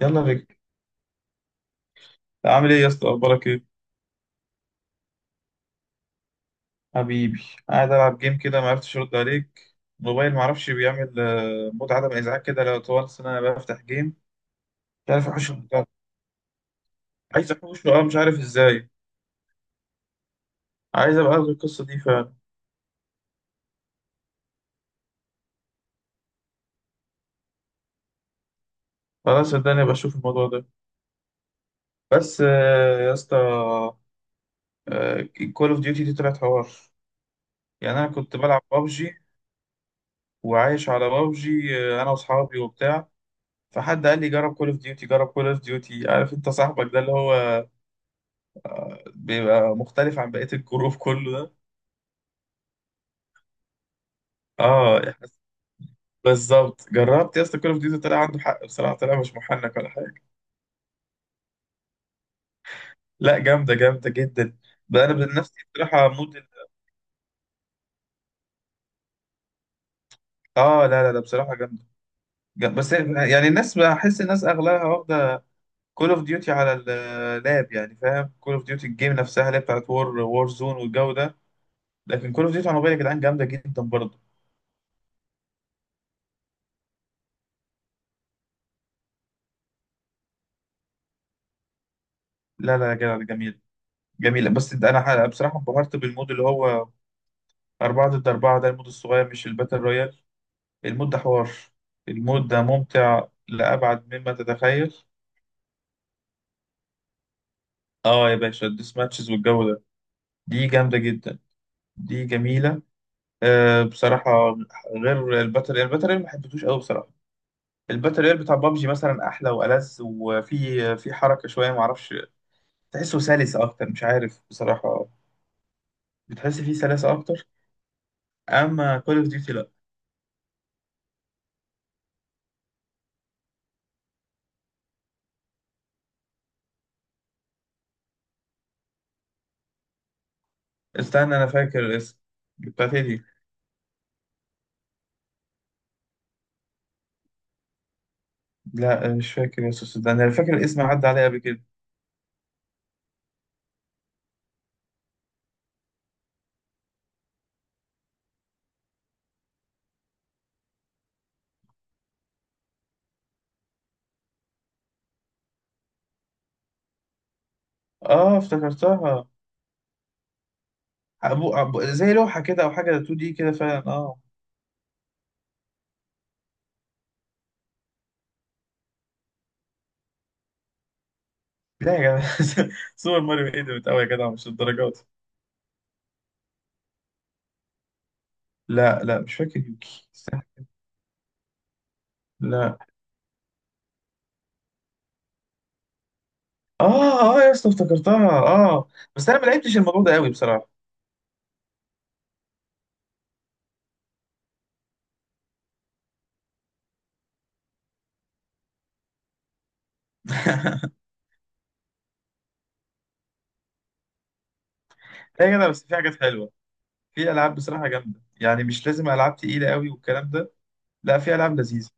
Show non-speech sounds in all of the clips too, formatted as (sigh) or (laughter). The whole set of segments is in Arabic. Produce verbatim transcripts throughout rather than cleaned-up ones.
يلا بك. عامل ايه يا اسطى، اخبارك ايه حبيبي؟ قاعد العب جيم كده، ما عرفتش ارد عليك. الموبايل ما اعرفش بيعمل آه، مود عدم ازعاج كده، لو طول السنه انا بفتح جيم مش عارف احوش الموضوع. عايز احوش له، اه مش عارف ازاي. عايز ابقى اخد القصه دي فعلا. خلاص صدقني ابقى اشوف الموضوع ده. بس آه، يا اسطى، كول اوف ديوتي دي طلعت حوار. يعني انا كنت بلعب بابجي وعايش على بابجي، انا واصحابي وبتاع، فحد قال لي جرب كول اوف ديوتي جرب كول اوف ديوتي. عارف انت صاحبك ده اللي هو بيبقى مختلف عن بقية الجروب كله ده؟ اه احنا بالظبط. جربت يا اسطى كول اوف ديوتي، طلع عنده حق بصراحة، طلع مش محنك ولا حاجة. لا جامدة، جامدة جدا. بقى انا بنفسي بصراحة مود ال- اه، لا لا لا بصراحة جامدة. جامدة. بس يعني الناس، بحس الناس اغلبها واخدة كول اوف ديوتي على اللاب، يعني فاهم، كول اوف ديوتي الجيم نفسها اللي هي بتاعت وور وور زون والجو ده. لكن كول اوف ديوتي على الموبايل يا جدعان جامدة جدا برضه. لا لا يا جدع ده جميل، جميل. بس ده انا ح- بصراحة انبهرت بالمود اللي هو أربعة ضد أربعة، ده المود الصغير مش الباتل رويال. المود ده حوار، المود ده ممتع لأبعد مما تتخيل. آه يا باشا، الديس ماتشز والجو ده دي جامدة جدا، دي جميلة. آه بصراحة، غير الباتل رويال، الباتل رويال ما حبيتهوش أوي بصراحة. الباتل رويال بتاع بابجي مثلا أحلى وألذ، وفي في حركة شوية معرفش، تحسه سلس أكتر، مش عارف بصراحة، بتحس فيه سلاسة أكتر. أما كول أوف ديوتي لأ. استنى أنا فاكر الاسم. بتاعت إيه دي؟ لا مش فاكر يا استاذ، ده انا فاكر الاسم عدى عليا قبل كده. اه افتكرتها. أبو... أبو... زي لوحه كده او حاجه، اتنين دي كده فعلا اه. لا يا جدع (laughs) سوبر ماريو ايه ده؟ بتقوي يا جدع مش الدرجات دي. لا لا مش فاكر يوكي، استنى. لا. اه اه يا اسطى افتكرتها اه. بس انا ما لعبتش الموضوع ده قوي بصراحه. لا يا جدع بس في حاجات حلوه، في العاب بصراحه جامده، يعني مش لازم العاب تقيله قوي والكلام ده. لا في العاب لذيذه،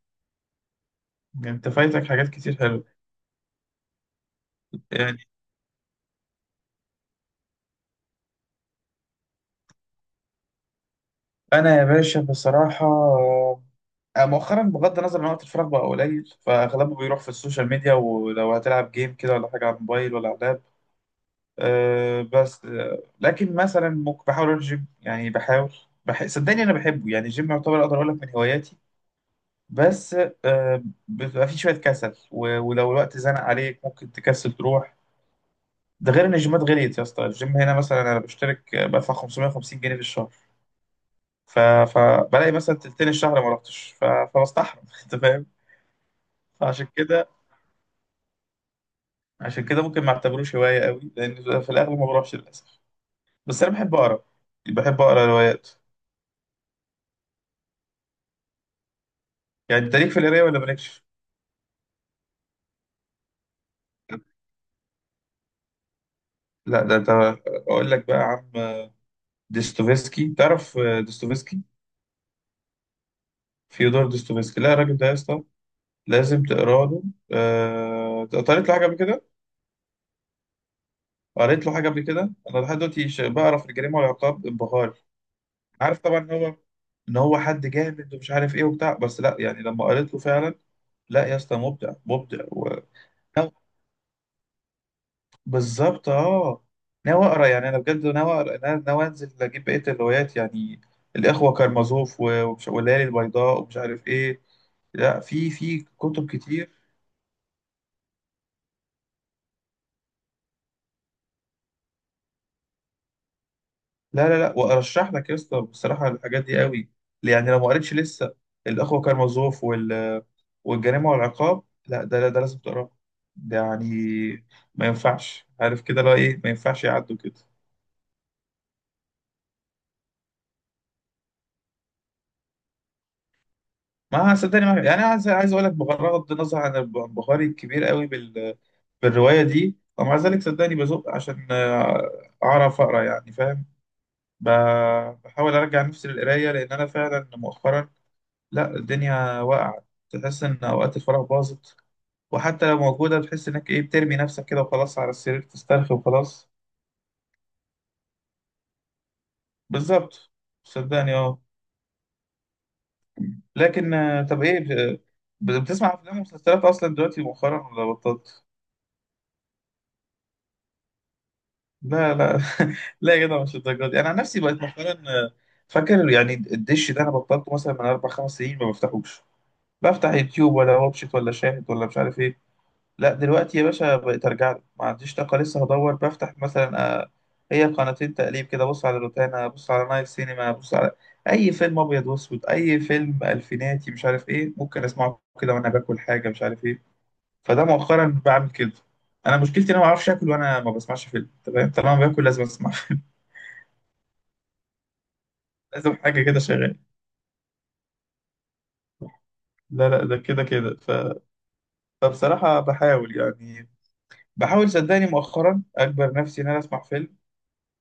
يعني انت فايتك حاجات كتير حلوه. يعني انا يا باشا بصراحه، آه، مؤخرا، بغض النظر عن وقت الفراغ بقى قليل، فاغلبه بيروح في السوشيال ميديا، ولو هتلعب جيم كده ولا حاجه على الموبايل ولا على اللاب. أه بس أه، لكن مثلا ممكن بحاول اروح الجيم، يعني بحاول. بح... صدقني انا بحبه، يعني الجيم يعتبر اقدر اقول لك من هواياتي. بس أه، بيبقى فيه شويه كسل و... ولو الوقت زنق عليك ممكن تكسل تروح. ده غير ان الجيمات غليت يا اسطى. الجيم هنا مثلا انا بشترك آه، بدفع خمسمية وخمسين جنيه في الشهر. ف... فبلاقي مثلا تلتين الشهر ما رحتش، ف... فبستحرم (laughs) انت فاهم. فعشان كده، عشان كده ممكن ما اعتبروش هوايه قوي، لان في الاغلب ما بروحش للاسف. بس انا بحب اقرا، بحب اقرا روايات. يعني انت ليك في القرايه ولا مالكش؟ لا ده انت، اقول لك بقى يا عم. ديستوفيسكي تعرف؟ ديستوفيسكي، فيودور ديستوفيسكي. لا الراجل ده يا اسطى لازم تقرا له. آه، قريت له حاجه قبل كده، قريت له حاجه قبل كده، انا لحد دلوقتي ش- بقرا في الجريمه والعقاب، انبهار. عارف طبعا ان هو، ان هو حد جامد ومش عارف ايه وبتاع، بس لا يعني لما قريت له فعلا، لا يا اسطى، مبدع، مبدع و... ناو- بالظبط اه. ناوي اقرا، يعني انا بجد ناوي اقرا، انا ناوي انزل اجيب بقيه الروايات. يعني الاخوه كارمازوف و- ومش... والليالي البيضاء ومش عارف ايه، لا في في كتب كتير. لا لا لا وارشح لك يا اسطى بصراحه الحاجات دي قوي، يعني لو ما قريتش لسه، الاخوه كارمازوف وال والجريمه والعقاب، لا ده، لا ده لازم تقراه. ده يعني ما ينفعش، عارف كده، لا ايه، ما ينفعش يعدوا كده. ما صدقني، ما يعني عايز، عايز اقول لك بغض النظر عن انبهاري الكبير قوي بال... بالروايه دي، ومع ذلك صدقني بزق عشان آه، اعرف اقرا، يعني فاهم. ب- بحاول ارجع نفسي للقرايه، لان انا فعلا مؤخرا، لا الدنيا واقعة. تحس إن أوقات الفراغ باظت، وحتى لو موجودة بتحس إنك إيه، بترمي نفسك كده وخلاص على السرير تسترخي وخلاص. بالظبط صدقني أه. لكن آه، طب إيه، ب- بتسمع أفلام ومسلسلات أصلا دلوقتي مؤخرا ولا بطلت؟ لا لا (laughs) لا يا جدع مش الدرجة دي. أنا عن نفسي بقيت مؤخرا آه، فاكر يعني الدش ده أنا بطلته مثلا من أربع خمس سنين ما بفتحوش. بفتح يوتيوب ولا واتشيت ولا شاهد ولا مش عارف إيه. لا دلوقتي يا باشا بقيت ارجع له. ما عنديش طاقه لسه هدور، بفتح مثلا آه، هي قناتين تقليب كده، بص على روتانا، بص على نايل سينما، بص على اي فيلم ابيض واسود، اي فيلم الفيناتي مش عارف ايه، ممكن اسمعه كده وانا باكل حاجه مش عارف ايه. فده مؤخرا بعمل كده. انا مشكلتي ان انا ما بعرفش اكل وانا ما بسمعش فيلم، تمام؟ طالما باكل لازم اسمع فيلم. (laughs) لازم حاجه كده شغاله. لا لا، ده كده كده ف... فبصراحه بحاول يعني، بحاول صدقني مؤخرا اجبر نفسي ان انا اسمع فيلم،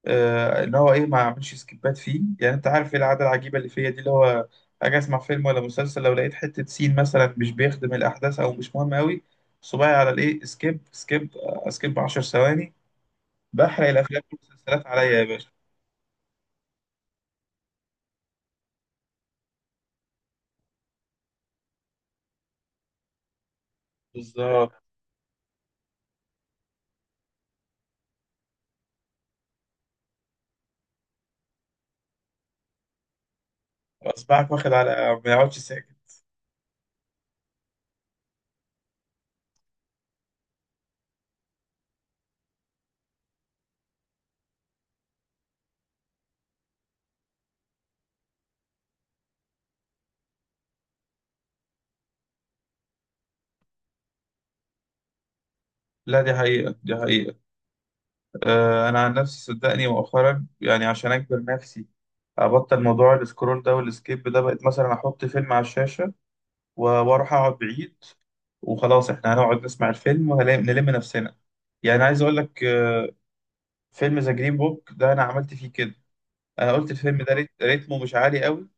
آه، ان هو ايه، ما اعملش سكيبات فيه. يعني انت عارف ايه العاده العجيبه اللي فيا دي، اللي هو اجي اسمع فيلم ولا مسلسل، لو لقيت حته سين مثلا مش بيخدم الاحداث او مش مهم قوي، صباعي على الايه سكيب سكيب، آه، سكيب 10 ثواني. بحرق الافلام والمسلسلات عليا يا باشا. بالظبط. اصبعك واخد على ما يقعدش ساكت. لا دي حقيقه، دي حقيقه. آه، انا عن نفسي صدقني مؤخرا، يعني عشان اجبر نفسي ابطل موضوع السكرول ده والسكيب ده، بقيت مثلا احط فيلم على الشاشه و- واروح اقعد بعيد، وخلاص احنا هنقعد نسمع الفيلم ونلم نفسنا. يعني عايز اقول لك آه، فيلم ذا جرين بوك ده انا عملت فيه كده. انا قلت الفيلم ده ريت- ريتمه مش عالي قوي،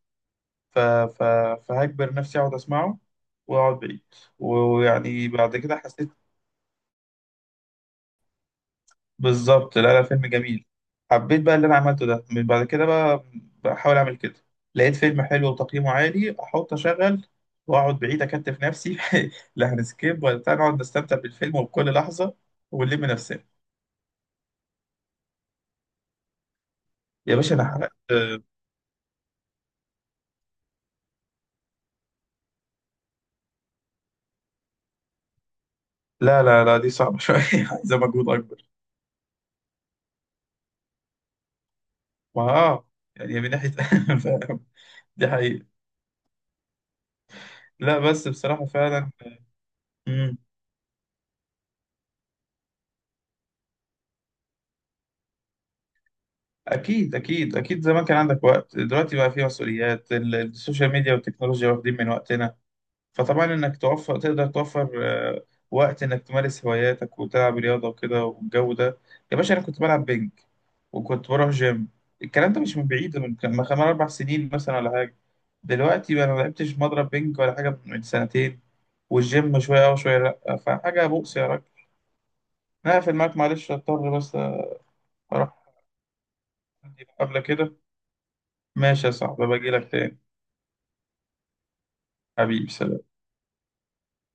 ف... ف... فهجبر نفسي اقعد اسمعه واقعد بعيد، ويعني بعد كده حسيت، بالظبط. لا لا فيلم جميل. حبيت بقى اللي انا عملته ده، من بعد كده بقى بحاول اعمل كده. لقيت فيلم حلو وتقييمه عالي، احط اشغل واقعد بعيد، اكتف نفسي (laughs) لا هنسكيب ولا بتاع، نقعد نستمتع بالفيلم وبكل لحظه، ونلم نفسنا. يا باشا انا حرقت (laughs) لا لا لا دي صعبه (laughs) شويه، عايزه مجهود اكبر. ما اه، يعني من ناحيه (laughs) فاهم، دي حقيقه. لا بس بصراحه فعلا. مم. اكيد اكيد اكيد، زمان كان عندك وقت، دلوقتي بقى فيه مسؤوليات، ال- السوشيال ميديا والتكنولوجيا واخدين من وقتنا. فطبعا انك توفر، تقدر توفر آه، وقت انك تمارس هواياتك وتلعب رياضه وكده والجو ده. يا باشا انا كنت بلعب بينج، وكنت بروح جيم، الكلام ده مش من بعيد، من كان من خمس اربع سنين مثلا ولا حاجه. دلوقتي بقى انا ما لعبتش مضرب بينج ولا حاجه من سنتين، والجيم شويه اه وشويه لا، فحاجه بؤس يا راجل. انا هقفل معاك معلش اضطر، بس اروح عندي مقابله كده. ماشي يا صاحبي، باجي لك تاني. حبيبي سلام.